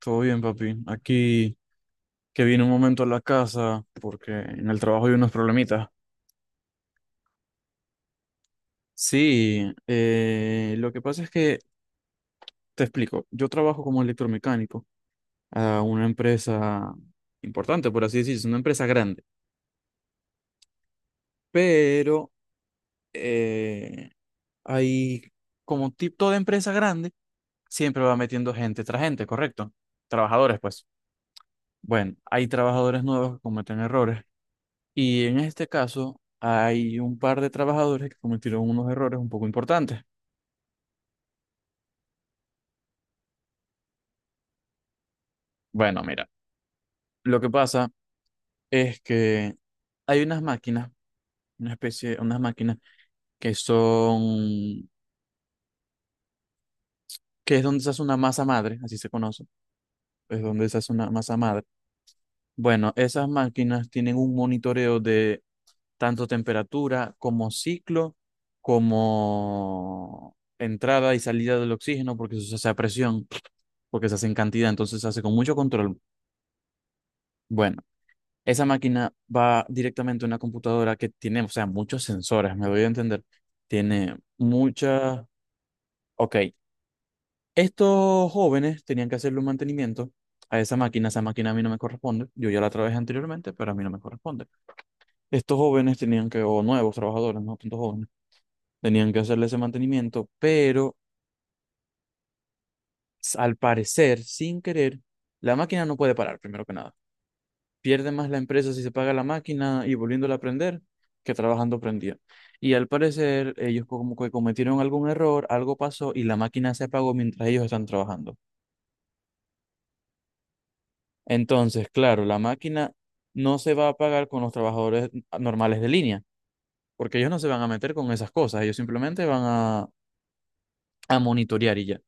Todo bien, papi. Aquí que vine un momento a la casa porque en el trabajo hay unos problemitas. Sí, lo que pasa es te explico, yo trabajo como electromecánico a una empresa importante, por así decirlo, es una empresa grande, pero eh, hay como tipo toda empresa grande, siempre va metiendo gente tras gente, ¿correcto? Trabajadores, pues. Bueno, hay trabajadores nuevos que cometen errores. Y en este caso hay un par de trabajadores que cometieron unos errores un poco importantes. Bueno, mira, lo que pasa es que hay unas máquinas, una especie, unas máquinas que son, que es donde se hace una masa madre, así se conoce, es donde se hace una masa madre. Bueno, esas máquinas tienen un monitoreo de tanto temperatura como ciclo, como entrada y salida del oxígeno, porque eso se hace a presión, porque se hace en cantidad, entonces se hace con mucho control. Bueno, esa máquina va directamente a una computadora que tiene, o sea, muchos sensores, me doy a entender. Tiene muchas... Ok, estos jóvenes tenían que hacerle un mantenimiento a esa máquina. Esa máquina a mí no me corresponde. Yo ya la trabajé anteriormente, pero a mí no me corresponde. Estos jóvenes tenían que, o nuevos trabajadores, no tantos jóvenes, tenían que hacerle ese mantenimiento, pero al parecer, sin querer, la máquina no puede parar, primero que nada. Pierde más la empresa si se paga la máquina y volviéndola a prender que trabajando prendida. Y al parecer ellos como que cometieron algún error, algo pasó y la máquina se apagó mientras ellos están trabajando. Entonces, claro, la máquina no se va a pagar con los trabajadores normales de línea, porque ellos no se van a meter con esas cosas, ellos simplemente van a monitorear y ya.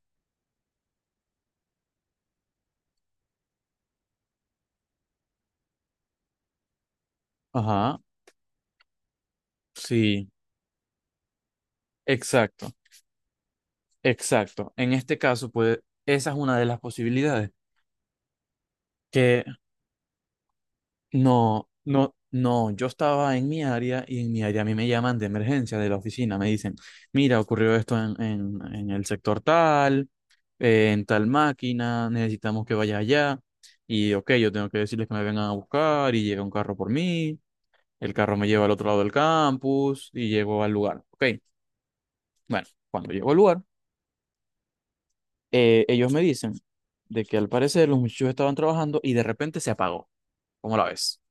Ajá, sí, exacto, exacto. En este caso, pues esa es una de las posibilidades, que no, no, no, yo estaba en mi área y en mi área a mí me llaman de emergencia de la oficina, me dicen, mira, ocurrió esto en el sector tal, en tal máquina, necesitamos que vaya allá y ok, yo tengo que decirles que me vengan a buscar y llega un carro por mí, el carro me lleva al otro lado del campus y llego al lugar. Ok, bueno, cuando llego al lugar, ellos me dicen de que al parecer los muchachos estaban trabajando y de repente se apagó, ¿cómo la ves?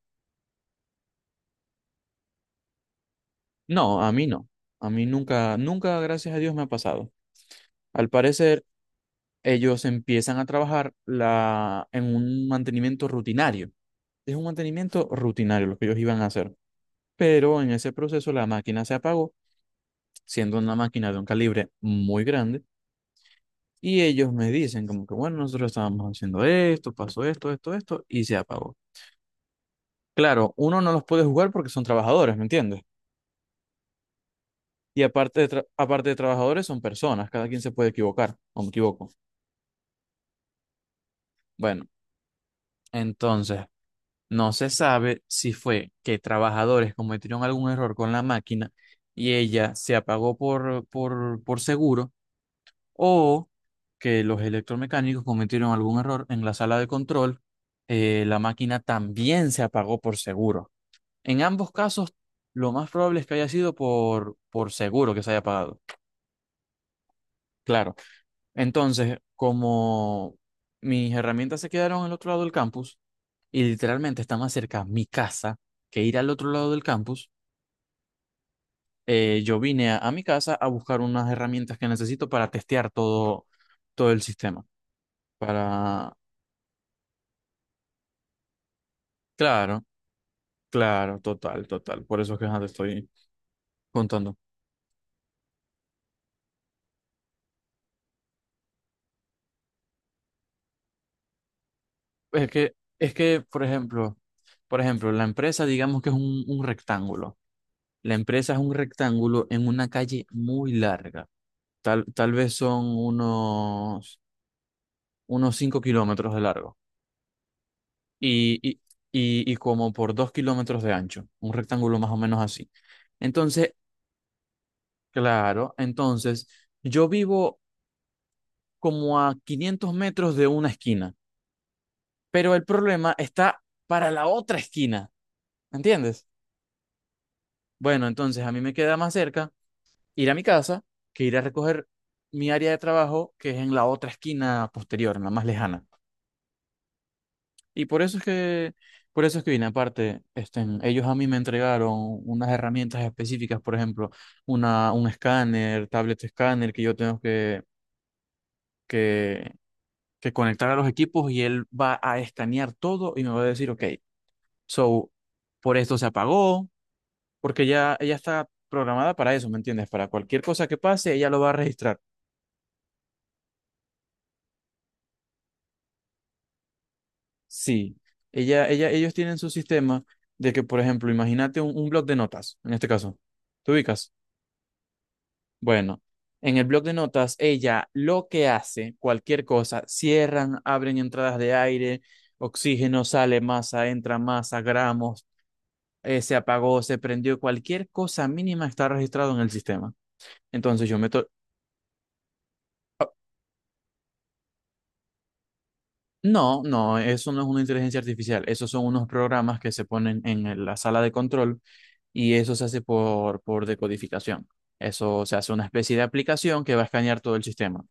No, a mí no. A mí nunca, nunca, gracias a Dios, me ha pasado. Al parecer, ellos empiezan a trabajar en un mantenimiento rutinario. Es un mantenimiento rutinario lo que ellos iban a hacer. Pero en ese proceso la máquina se apagó, siendo una máquina de un calibre muy grande. Y ellos me dicen como que, bueno, nosotros estábamos haciendo esto, pasó esto, esto, esto, y se apagó. Claro, uno no los puede jugar porque son trabajadores, ¿me entiendes? Y aparte de, aparte de trabajadores, son personas, cada quien se puede equivocar, o me equivoco. Bueno. Entonces, no se sabe si fue que trabajadores cometieron algún error con la máquina y ella se apagó por seguro o que los electromecánicos cometieron algún error en la sala de control. Eh, la máquina también se apagó por seguro. En ambos casos, lo más probable es que haya sido por seguro que se haya apagado. Claro. Entonces, como mis herramientas se quedaron al otro lado del campus, y literalmente está más cerca mi casa que ir al otro lado del campus. Yo vine a mi casa a buscar unas herramientas que necesito para testear todo el sistema. Para, claro, claro, total, total. Por eso es que ajá, te estoy contando. Es que, es que, por ejemplo, por ejemplo, la empresa, digamos que es un rectángulo. La empresa es un rectángulo en una calle muy larga. Tal vez son unos 5 kilómetros de largo. y, y, y como por 2 kilómetros de ancho, un rectángulo más o menos así. Entonces, claro, entonces yo vivo como a 500 metros de una esquina, pero el problema está para la otra esquina, ¿entiendes? Bueno, entonces a mí me queda más cerca ir a mi casa que ir a recoger mi área de trabajo, que es en la otra esquina posterior, en la más lejana. Y por eso es que, por eso es que vine. Aparte, este, ellos a mí me entregaron unas herramientas específicas, por ejemplo, un escáner, tablet escáner que yo tengo que, que conectar a los equipos y él va a escanear todo y me va a decir, ok, so, por esto se apagó, porque ya ella está programada para eso, ¿me entiendes? Para cualquier cosa que pase, ella lo va a registrar. Sí, ellos tienen su sistema de que, por ejemplo, imagínate un blog de notas, en este caso, ¿te ubicas? Bueno, en el blog de notas, ella lo que hace, cualquier cosa, cierran, abren entradas de aire, oxígeno, sale masa, entra masa, gramos, se apagó, se prendió, cualquier cosa mínima está registrado en el sistema. Entonces yo meto... Ah, no, no, eso no es una inteligencia artificial, esos son unos programas que se ponen en la sala de control y eso se hace por decodificación. Eso se hace una especie de aplicación que va a escanear todo el sistema.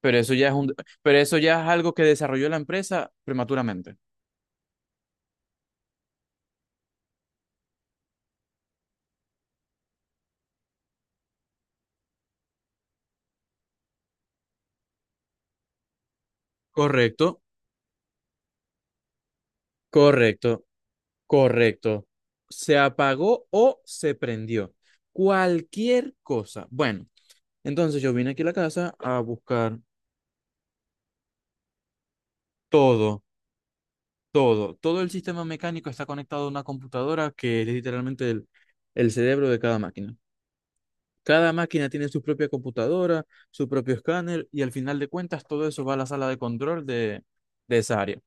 Pero eso ya es un, pero eso ya es algo que desarrolló la empresa prematuramente. Correcto, correcto, correcto. Se apagó o se prendió. Cualquier cosa. Bueno, entonces yo vine aquí a la casa a buscar todo, todo. Todo el sistema mecánico está conectado a una computadora que es literalmente el cerebro de cada máquina. Cada máquina tiene su propia computadora, su propio escáner y al final de cuentas todo eso va a la sala de control de esa área.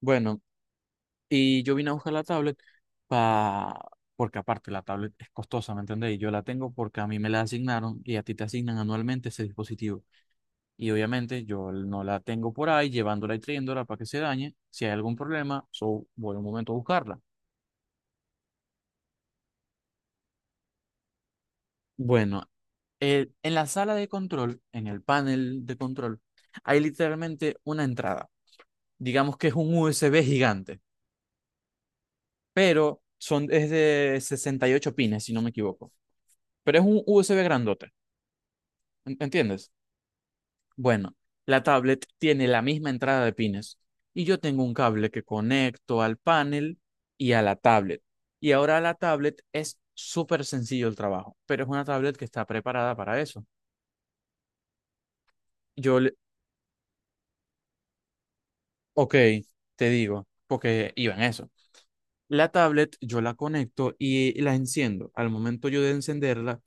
Bueno, y yo vine a buscar la tablet pa... porque aparte la tablet es costosa, ¿me entendés? Y yo la tengo porque a mí me la asignaron y a ti te asignan anualmente ese dispositivo. Y obviamente yo no la tengo por ahí llevándola y trayéndola para que se dañe. Si hay algún problema, so, voy un momento a buscarla. Bueno, en la sala de control, en el panel de control, hay literalmente una entrada. Digamos que es un USB gigante, pero son, es de 68 pines, si no me equivoco. Pero es un USB grandote, ¿entiendes? Bueno, la tablet tiene la misma entrada de pines y yo tengo un cable que conecto al panel y a la tablet. Y ahora la tablet es súper sencillo el trabajo, pero es una tablet que está preparada para eso. Yo le, ok, te digo, porque iba en eso. La tablet yo la conecto y la enciendo. Al momento yo de encenderla,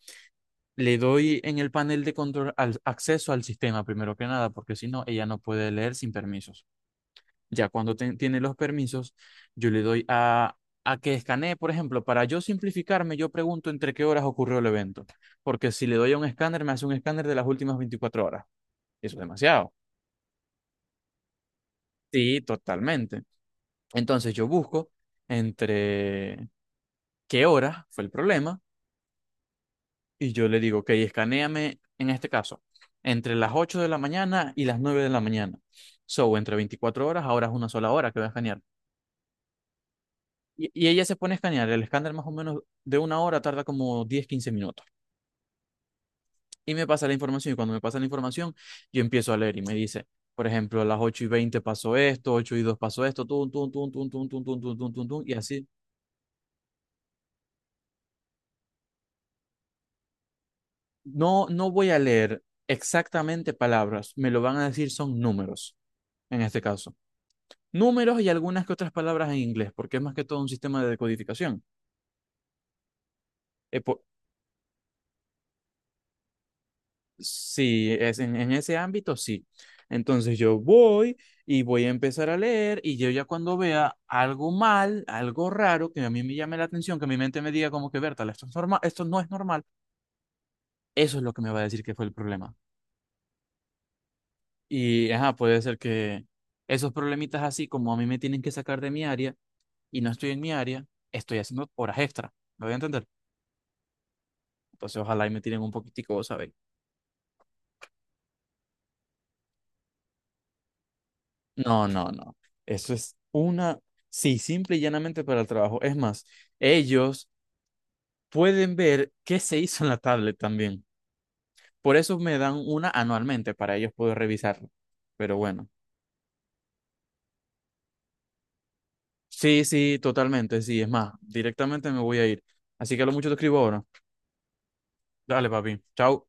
le doy en el panel de control al acceso al sistema primero que nada, porque si no, ella no puede leer sin permisos. Ya cuando tiene los permisos, yo le doy a que escanee, por ejemplo, para yo simplificarme, yo pregunto entre qué horas ocurrió el evento, porque si le doy a un escáner, me hace un escáner de las últimas 24 horas. Eso es demasiado. Sí, totalmente. Entonces yo busco entre qué hora fue el problema y yo le digo, ok, escanéame en este caso, entre las 8 de la mañana y las 9 de la mañana. So, entre 24 horas, ahora es una sola hora que voy a escanear. Y ella se pone a escanear. El escáner más o menos de una hora tarda como 10 a 15 minutos. Y me pasa la información. Y cuando me pasa la información, yo empiezo a leer y me dice, por ejemplo, a las 8:20 pasó esto, 8:02 pasó esto, tun, tun, tun, tun, tun, tun, tun, tun, tun, tun, tun, y así. No, no voy a leer exactamente palabras. Me lo van a decir son números, en este caso. Números y algunas que otras palabras en inglés, porque es más que todo un sistema de decodificación. Eh, po- Sí, es en ese ámbito sí. Entonces yo voy y voy a empezar a leer y yo ya cuando vea algo mal, algo raro, que a mí me llame la atención, que mi mente me diga como que Bertal, esto es normal, esto no es normal, eso es lo que me va a decir que fue el problema. Y ajá, puede ser que esos problemitas así como a mí me tienen que sacar de mi área y no estoy en mi área, estoy haciendo horas extra, ¿me voy a entender? Entonces ojalá y me tiren un poquitico, ¿sabes? No, no, no. Eso es una, sí, simple y llanamente para el trabajo. Es más, ellos pueden ver qué se hizo en la tablet también. Por eso me dan una anualmente para ellos poder revisarlo. Pero bueno, sí, sí, totalmente, sí. Es más, directamente me voy a ir. Así que a lo mucho te escribo ahora. Dale, papi. Chao.